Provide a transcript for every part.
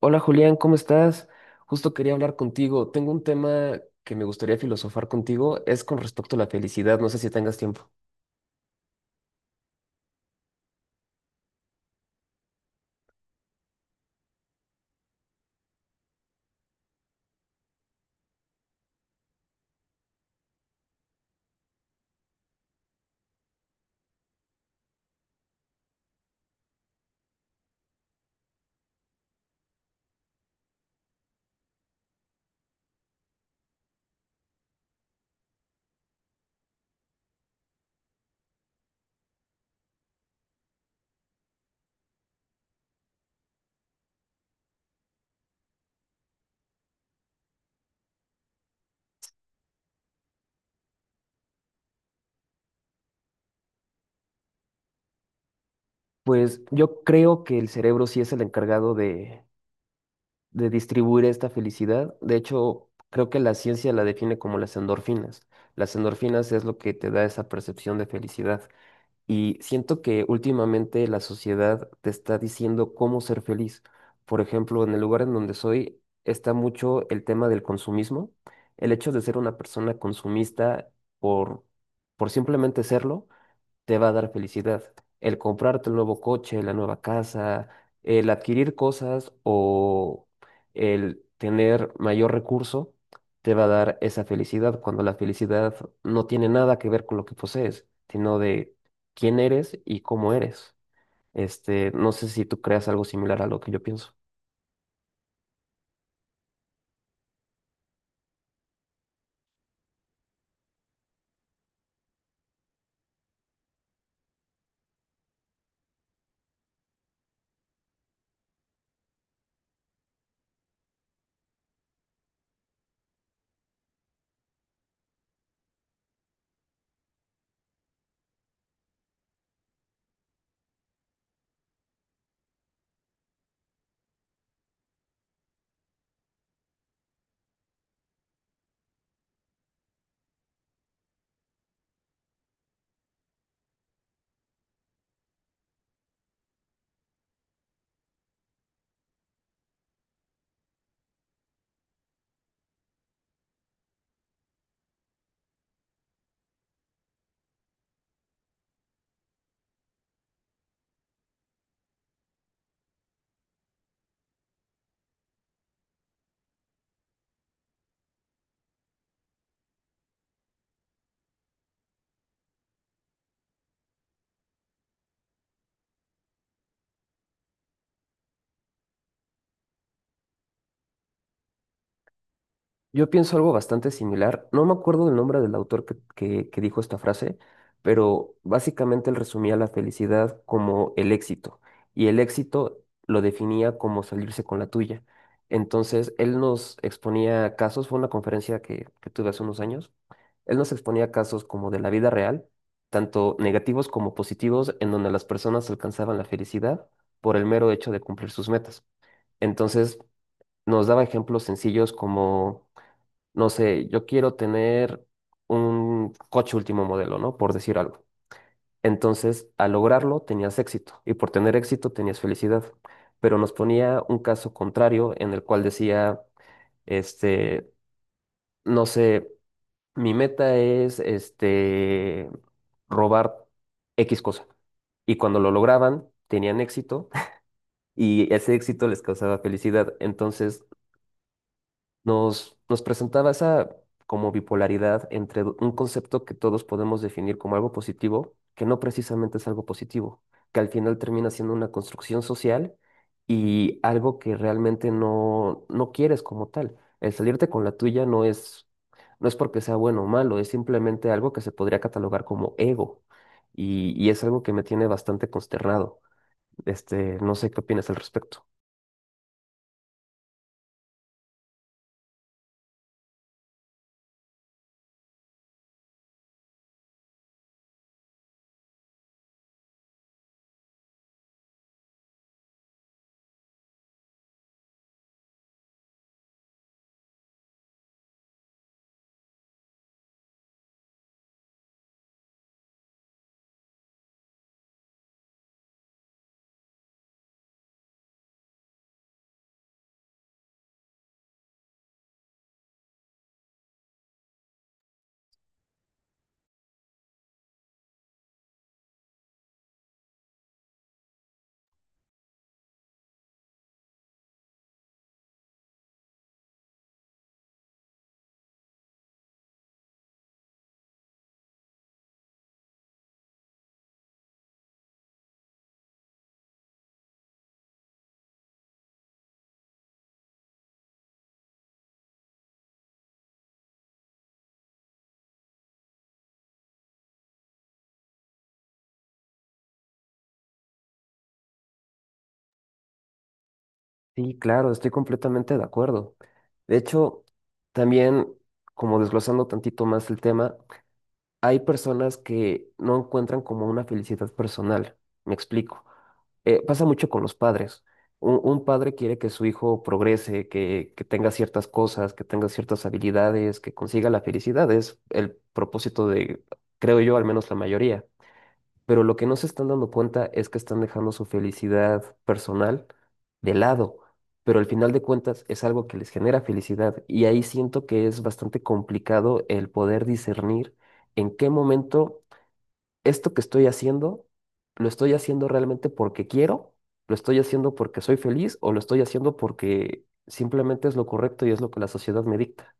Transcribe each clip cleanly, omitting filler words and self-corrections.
Hola Julián, ¿cómo estás? Justo quería hablar contigo. Tengo un tema que me gustaría filosofar contigo, es con respecto a la felicidad, no sé si tengas tiempo. Pues yo creo que el cerebro sí es el encargado de distribuir esta felicidad. De hecho, creo que la ciencia la define como las endorfinas. Las endorfinas es lo que te da esa percepción de felicidad. Y siento que últimamente la sociedad te está diciendo cómo ser feliz. Por ejemplo, en el lugar en donde soy está mucho el tema del consumismo, el hecho de ser una persona consumista por, por simplemente serlo te va a dar felicidad. El comprarte el nuevo coche, la nueva casa, el adquirir cosas o el tener mayor recurso, te va a dar esa felicidad cuando la felicidad no tiene nada que ver con lo que posees, sino de quién eres y cómo eres. Este, no sé si tú creas algo similar a lo que yo pienso. Yo pienso algo bastante similar. No me acuerdo del nombre del autor que dijo esta frase, pero básicamente él resumía la felicidad como el éxito. Y el éxito lo definía como salirse con la tuya. Entonces, él nos exponía casos, fue una conferencia que tuve hace unos años, él nos exponía casos como de la vida real, tanto negativos como positivos, en donde las personas alcanzaban la felicidad por el mero hecho de cumplir sus metas. Entonces, nos daba ejemplos sencillos como no sé, yo quiero tener un coche último modelo, ¿no? Por decir algo. Entonces, al lograrlo, tenías éxito y por tener éxito tenías felicidad. Pero nos ponía un caso contrario en el cual decía, este, no sé, mi meta es, robar X cosa. Y cuando lo lograban, tenían éxito y ese éxito les causaba felicidad. Entonces, nos presentaba esa como bipolaridad entre un concepto que todos podemos definir como algo positivo, que no precisamente es algo positivo, que al final termina siendo una construcción social y algo que realmente no quieres como tal. El salirte con la tuya no es porque sea bueno o malo, es simplemente algo que se podría catalogar como ego. Y es algo que me tiene bastante consternado. Este, no sé qué opinas al respecto. Sí, claro, estoy completamente de acuerdo. De hecho, también, como desglosando tantito más el tema, hay personas que no encuentran como una felicidad personal. Me explico. Pasa mucho con los padres. Un padre quiere que su hijo progrese, que tenga ciertas cosas, que tenga ciertas habilidades, que consiga la felicidad. Es el propósito de, creo yo, al menos la mayoría, pero lo que no se están dando cuenta es que están dejando su felicidad personal de lado, pero al final de cuentas es algo que les genera felicidad y ahí siento que es bastante complicado el poder discernir en qué momento esto que estoy haciendo, lo estoy haciendo realmente porque quiero, lo estoy haciendo porque soy feliz o lo estoy haciendo porque simplemente es lo correcto y es lo que la sociedad me dicta.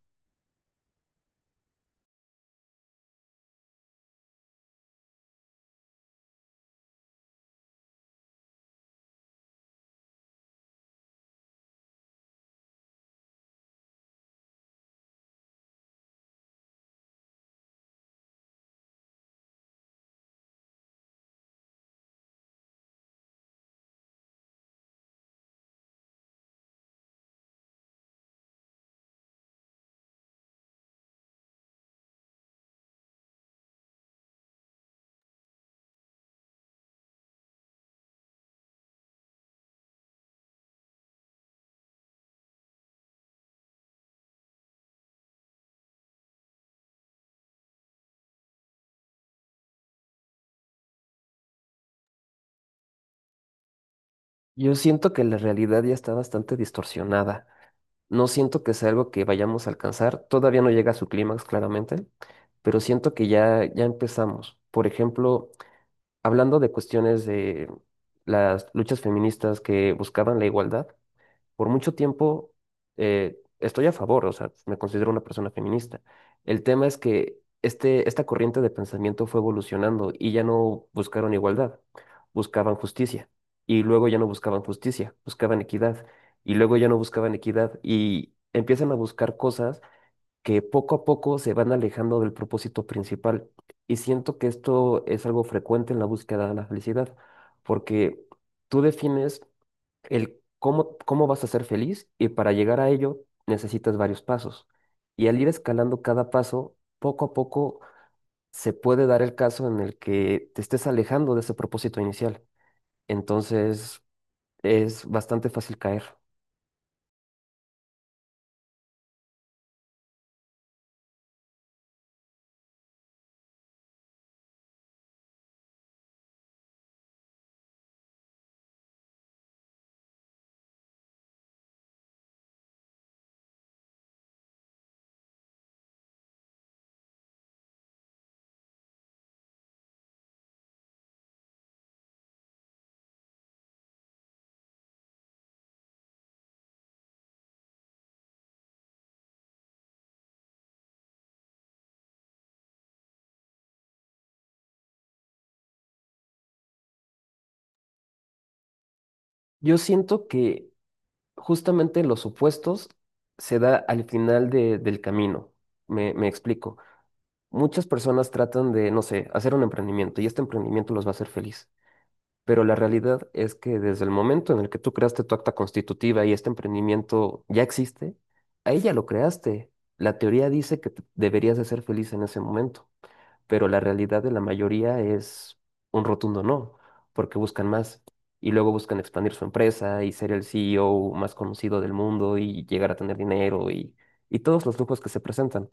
Yo siento que la realidad ya está bastante distorsionada. No siento que sea algo que vayamos a alcanzar. Todavía no llega a su clímax, claramente, pero siento que ya empezamos. Por ejemplo, hablando de cuestiones de las luchas feministas que buscaban la igualdad, por mucho tiempo, estoy a favor, o sea, me considero una persona feminista. El tema es que esta corriente de pensamiento fue evolucionando y ya no buscaron igualdad, buscaban justicia. Y luego ya no buscaban justicia, buscaban equidad. Y luego ya no buscaban equidad. Y empiezan a buscar cosas que poco a poco se van alejando del propósito principal. Y siento que esto es algo frecuente en la búsqueda de la felicidad, porque tú defines el cómo vas a ser feliz y para llegar a ello necesitas varios pasos. Y al ir escalando cada paso, poco a poco se puede dar el caso en el que te estés alejando de ese propósito inicial. Entonces es bastante fácil caer. Yo siento que justamente los opuestos se da al final del camino. Me explico. Muchas personas tratan de, no sé, hacer un emprendimiento y este emprendimiento los va a hacer feliz. Pero la realidad es que desde el momento en el que tú creaste tu acta constitutiva y este emprendimiento ya existe, ahí ya lo creaste. La teoría dice que deberías de ser feliz en ese momento, pero la realidad de la mayoría es un rotundo no, porque buscan más y luego buscan expandir su empresa y ser el CEO más conocido del mundo y llegar a tener dinero y todos los lujos que se presentan.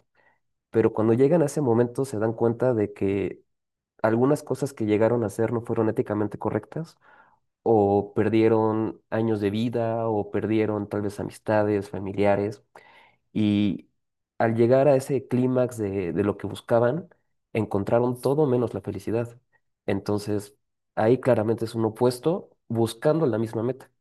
Pero cuando llegan a ese momento se dan cuenta de que algunas cosas que llegaron a hacer no fueron éticamente correctas o perdieron años de vida o perdieron tal vez amistades, familiares. Y al llegar a ese clímax de lo que buscaban, encontraron todo menos la felicidad. Entonces, ahí claramente es un opuesto buscando la misma meta.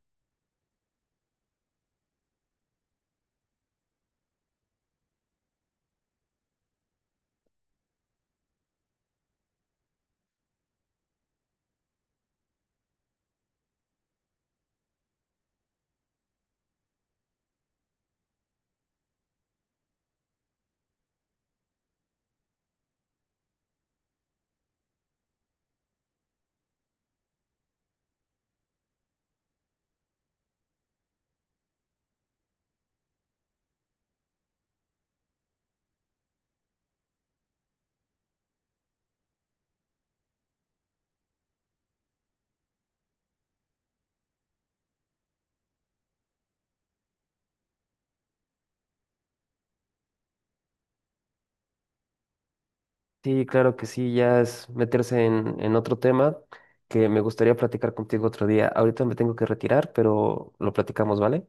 Sí, claro que sí, ya es meterse en otro tema que me gustaría platicar contigo otro día. Ahorita me tengo que retirar, pero lo platicamos, ¿vale?